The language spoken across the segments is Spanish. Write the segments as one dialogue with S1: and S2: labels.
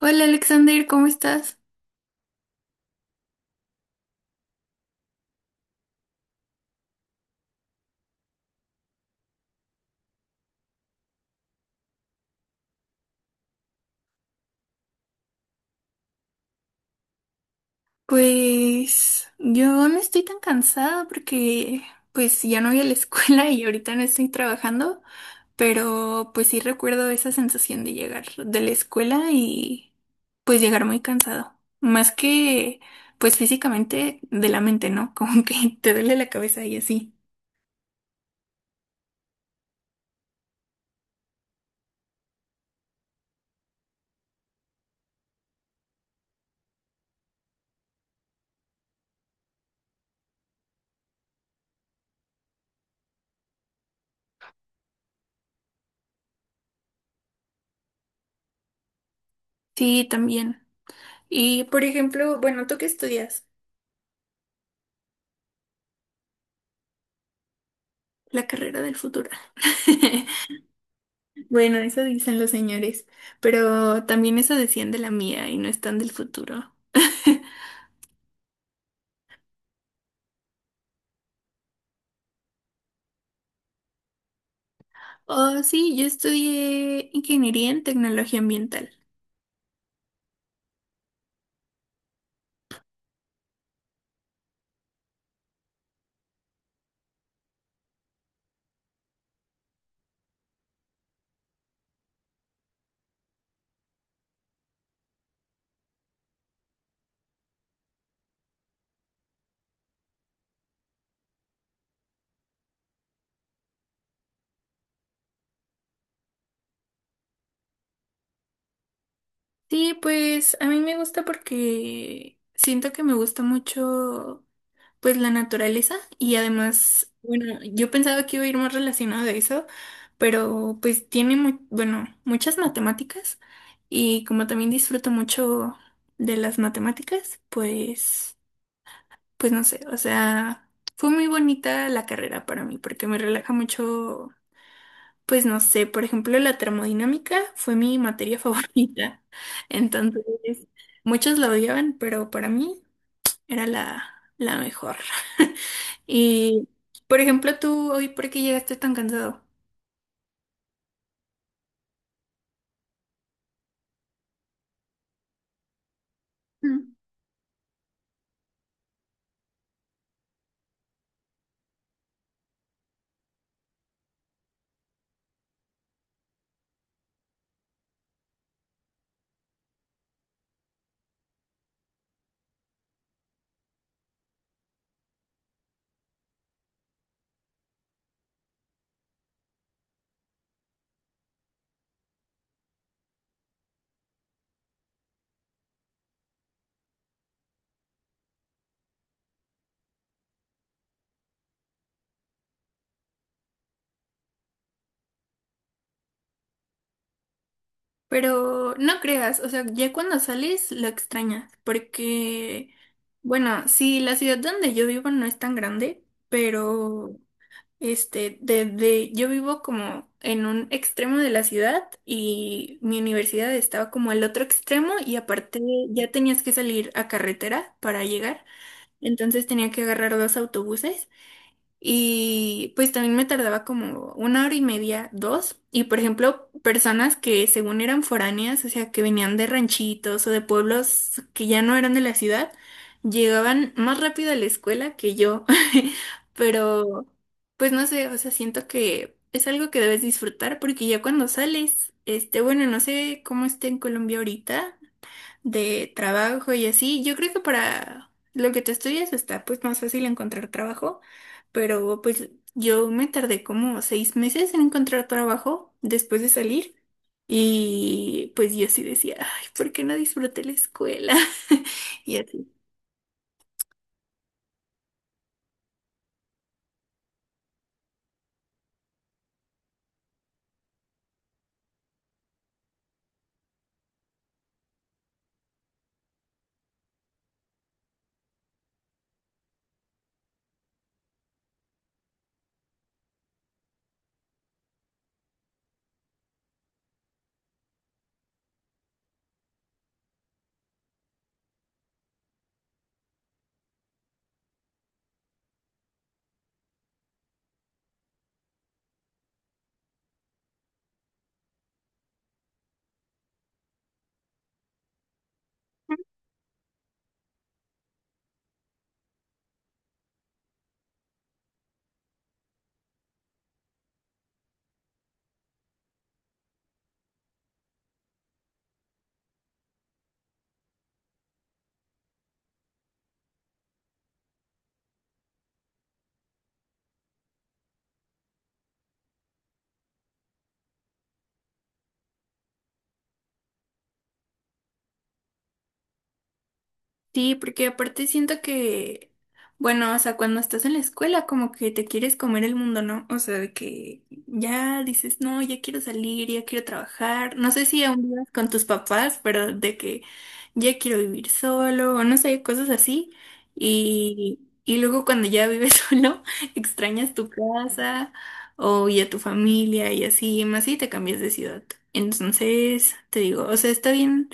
S1: Hola Alexander, ¿cómo estás? Pues yo no estoy tan cansada porque pues ya no voy a la escuela y ahorita no estoy trabajando, pero pues sí recuerdo esa sensación de llegar de la escuela y pues llegar muy cansado, más que pues físicamente de la mente, ¿no? Como que te duele la cabeza y así. Sí, también. Y por ejemplo, bueno, ¿tú qué estudias? La carrera del futuro. Bueno, eso dicen los señores, pero también eso decían de la mía y no están del futuro. Oh, sí, yo estudié ingeniería en tecnología ambiental. Sí, pues a mí me gusta porque siento que me gusta mucho pues la naturaleza y además, bueno, yo pensaba que iba a ir más relacionado de eso, pero pues tiene bueno, muchas matemáticas y como también disfruto mucho de las matemáticas, pues pues no sé, o sea, fue muy bonita la carrera para mí porque me relaja mucho, pues no sé, por ejemplo, la termodinámica fue mi materia favorita. Entonces, muchos la odiaban, pero para mí era la mejor. Y, por ejemplo, tú hoy, ¿por qué llegaste tan cansado? Mm. Pero no creas, o sea, ya cuando sales lo extrañas, porque, bueno, sí, la ciudad donde yo vivo no es tan grande, pero este, desde yo vivo como en un extremo de la ciudad y mi universidad estaba como al otro extremo y aparte ya tenías que salir a carretera para llegar, entonces tenía que agarrar dos autobuses y pues también me tardaba como una hora y media, dos. Y por ejemplo, personas que según eran foráneas, o sea, que venían de ranchitos o de pueblos que ya no eran de la ciudad, llegaban más rápido a la escuela que yo. Pero, pues no sé, o sea, siento que es algo que debes disfrutar porque ya cuando sales, este, bueno, no sé cómo está en Colombia ahorita de trabajo y así. Yo creo que para lo que te estudias está pues más fácil encontrar trabajo, pero pues yo me tardé como 6 meses en encontrar trabajo después de salir y pues yo sí decía, ay, ¿por qué no disfruté la escuela? Y así. Sí, porque aparte siento que, bueno, o sea, cuando estás en la escuela como que te quieres comer el mundo, ¿no? O sea, de que ya dices, no, ya quiero salir, ya quiero trabajar. No sé si aún vivas con tus papás, pero de que ya quiero vivir solo, o no sé, cosas así. Y, y luego cuando ya vives solo, extrañas tu casa o y a tu familia y así, más si te cambias de ciudad. Entonces, te digo, o sea, está bien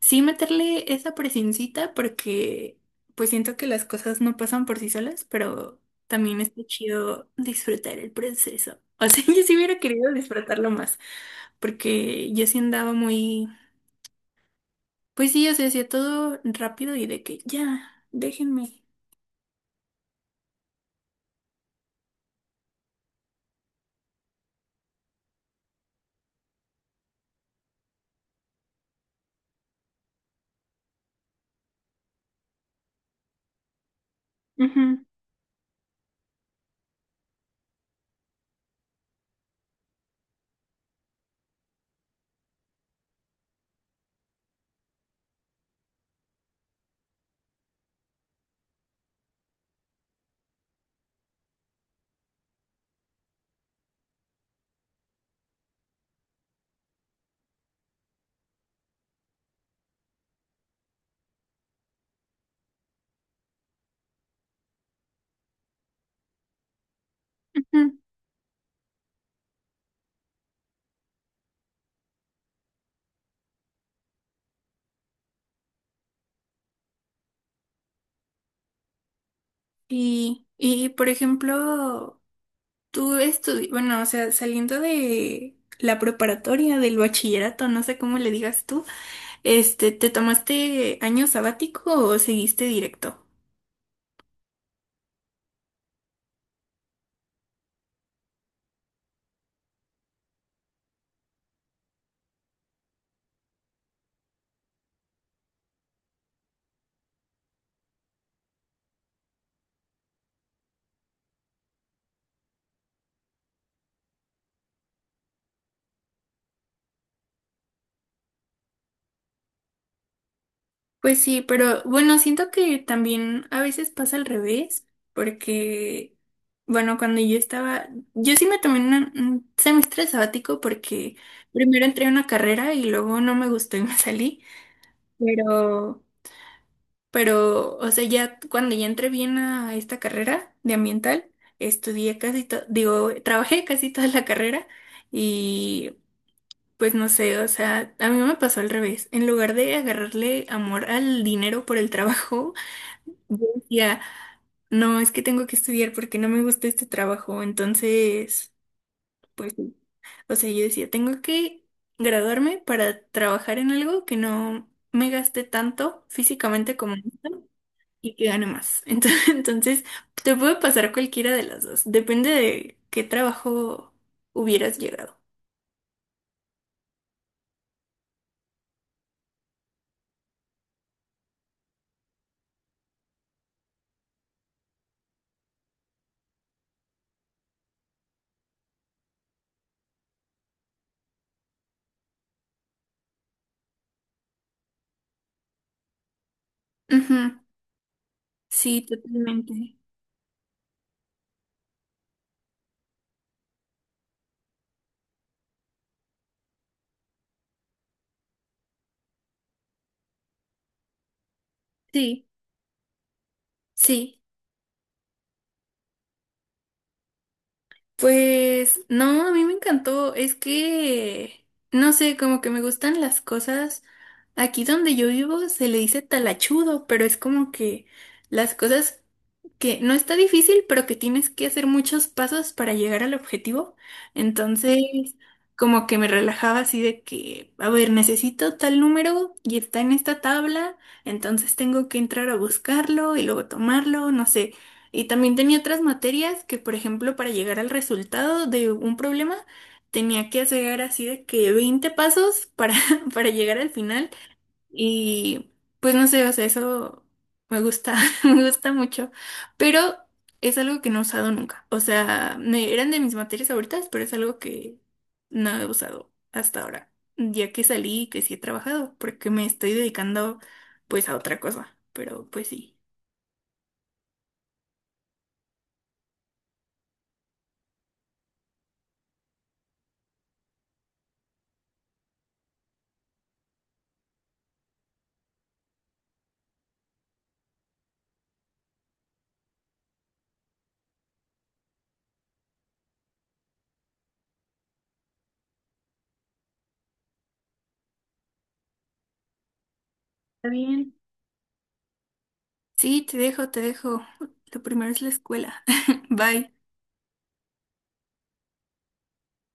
S1: sí meterle esa presioncita porque pues siento que las cosas no pasan por sí solas, pero también está chido disfrutar el proceso. O sea, yo sí hubiera querido disfrutarlo más, porque yo sí andaba muy, pues sí, o sea, hacía todo rápido y de que ya, déjenme. Ujú, ujú. Y por ejemplo, bueno, o sea, saliendo de la preparatoria, del bachillerato, no sé cómo le digas tú. Este, ¿te tomaste año sabático o seguiste directo? Pues sí, pero bueno, siento que también a veces pasa al revés, porque, bueno, cuando yo estaba, yo sí me tomé un semestre sabático porque primero entré a una carrera y luego no me gustó y me salí, pero... Pero, o sea, ya cuando ya entré bien a esta carrera de ambiental, estudié casi todo, digo, trabajé casi toda la carrera y pues no sé, o sea, a mí me pasó al revés. En lugar de agarrarle amor al dinero por el trabajo, yo decía, no, es que tengo que estudiar porque no me gusta este trabajo. Entonces, pues, sí. O sea, yo decía, tengo que graduarme para trabajar en algo que no me gaste tanto físicamente como esto y que gane más. Entonces, entonces, te puede pasar cualquiera de las dos. Depende de qué trabajo hubieras llegado. Ujú. Sí, totalmente. Sí, sí. Pues no, a mí me encantó. Es que, no sé, como que me gustan las cosas. Aquí donde yo vivo se le dice talachudo, pero es como que las cosas que no está difícil, pero que tienes que hacer muchos pasos para llegar al objetivo. Entonces, como que me relajaba así de que, a ver, necesito tal número y está en esta tabla, entonces tengo que entrar a buscarlo y luego tomarlo, no sé. Y también tenía otras materias que, por ejemplo, para llegar al resultado de un problema, tenía que hacer así de que 20 pasos para, para llegar al final. Y pues no sé, o sea, eso me gusta, me gusta mucho, pero es algo que no he usado nunca. O sea, eran de mis materias favoritas, pero es algo que no he usado hasta ahora, ya que salí y que sí he trabajado, porque me estoy dedicando pues a otra cosa, pero pues sí. Está bien. Sí, te dejo, te dejo. Lo primero es la escuela. Bye.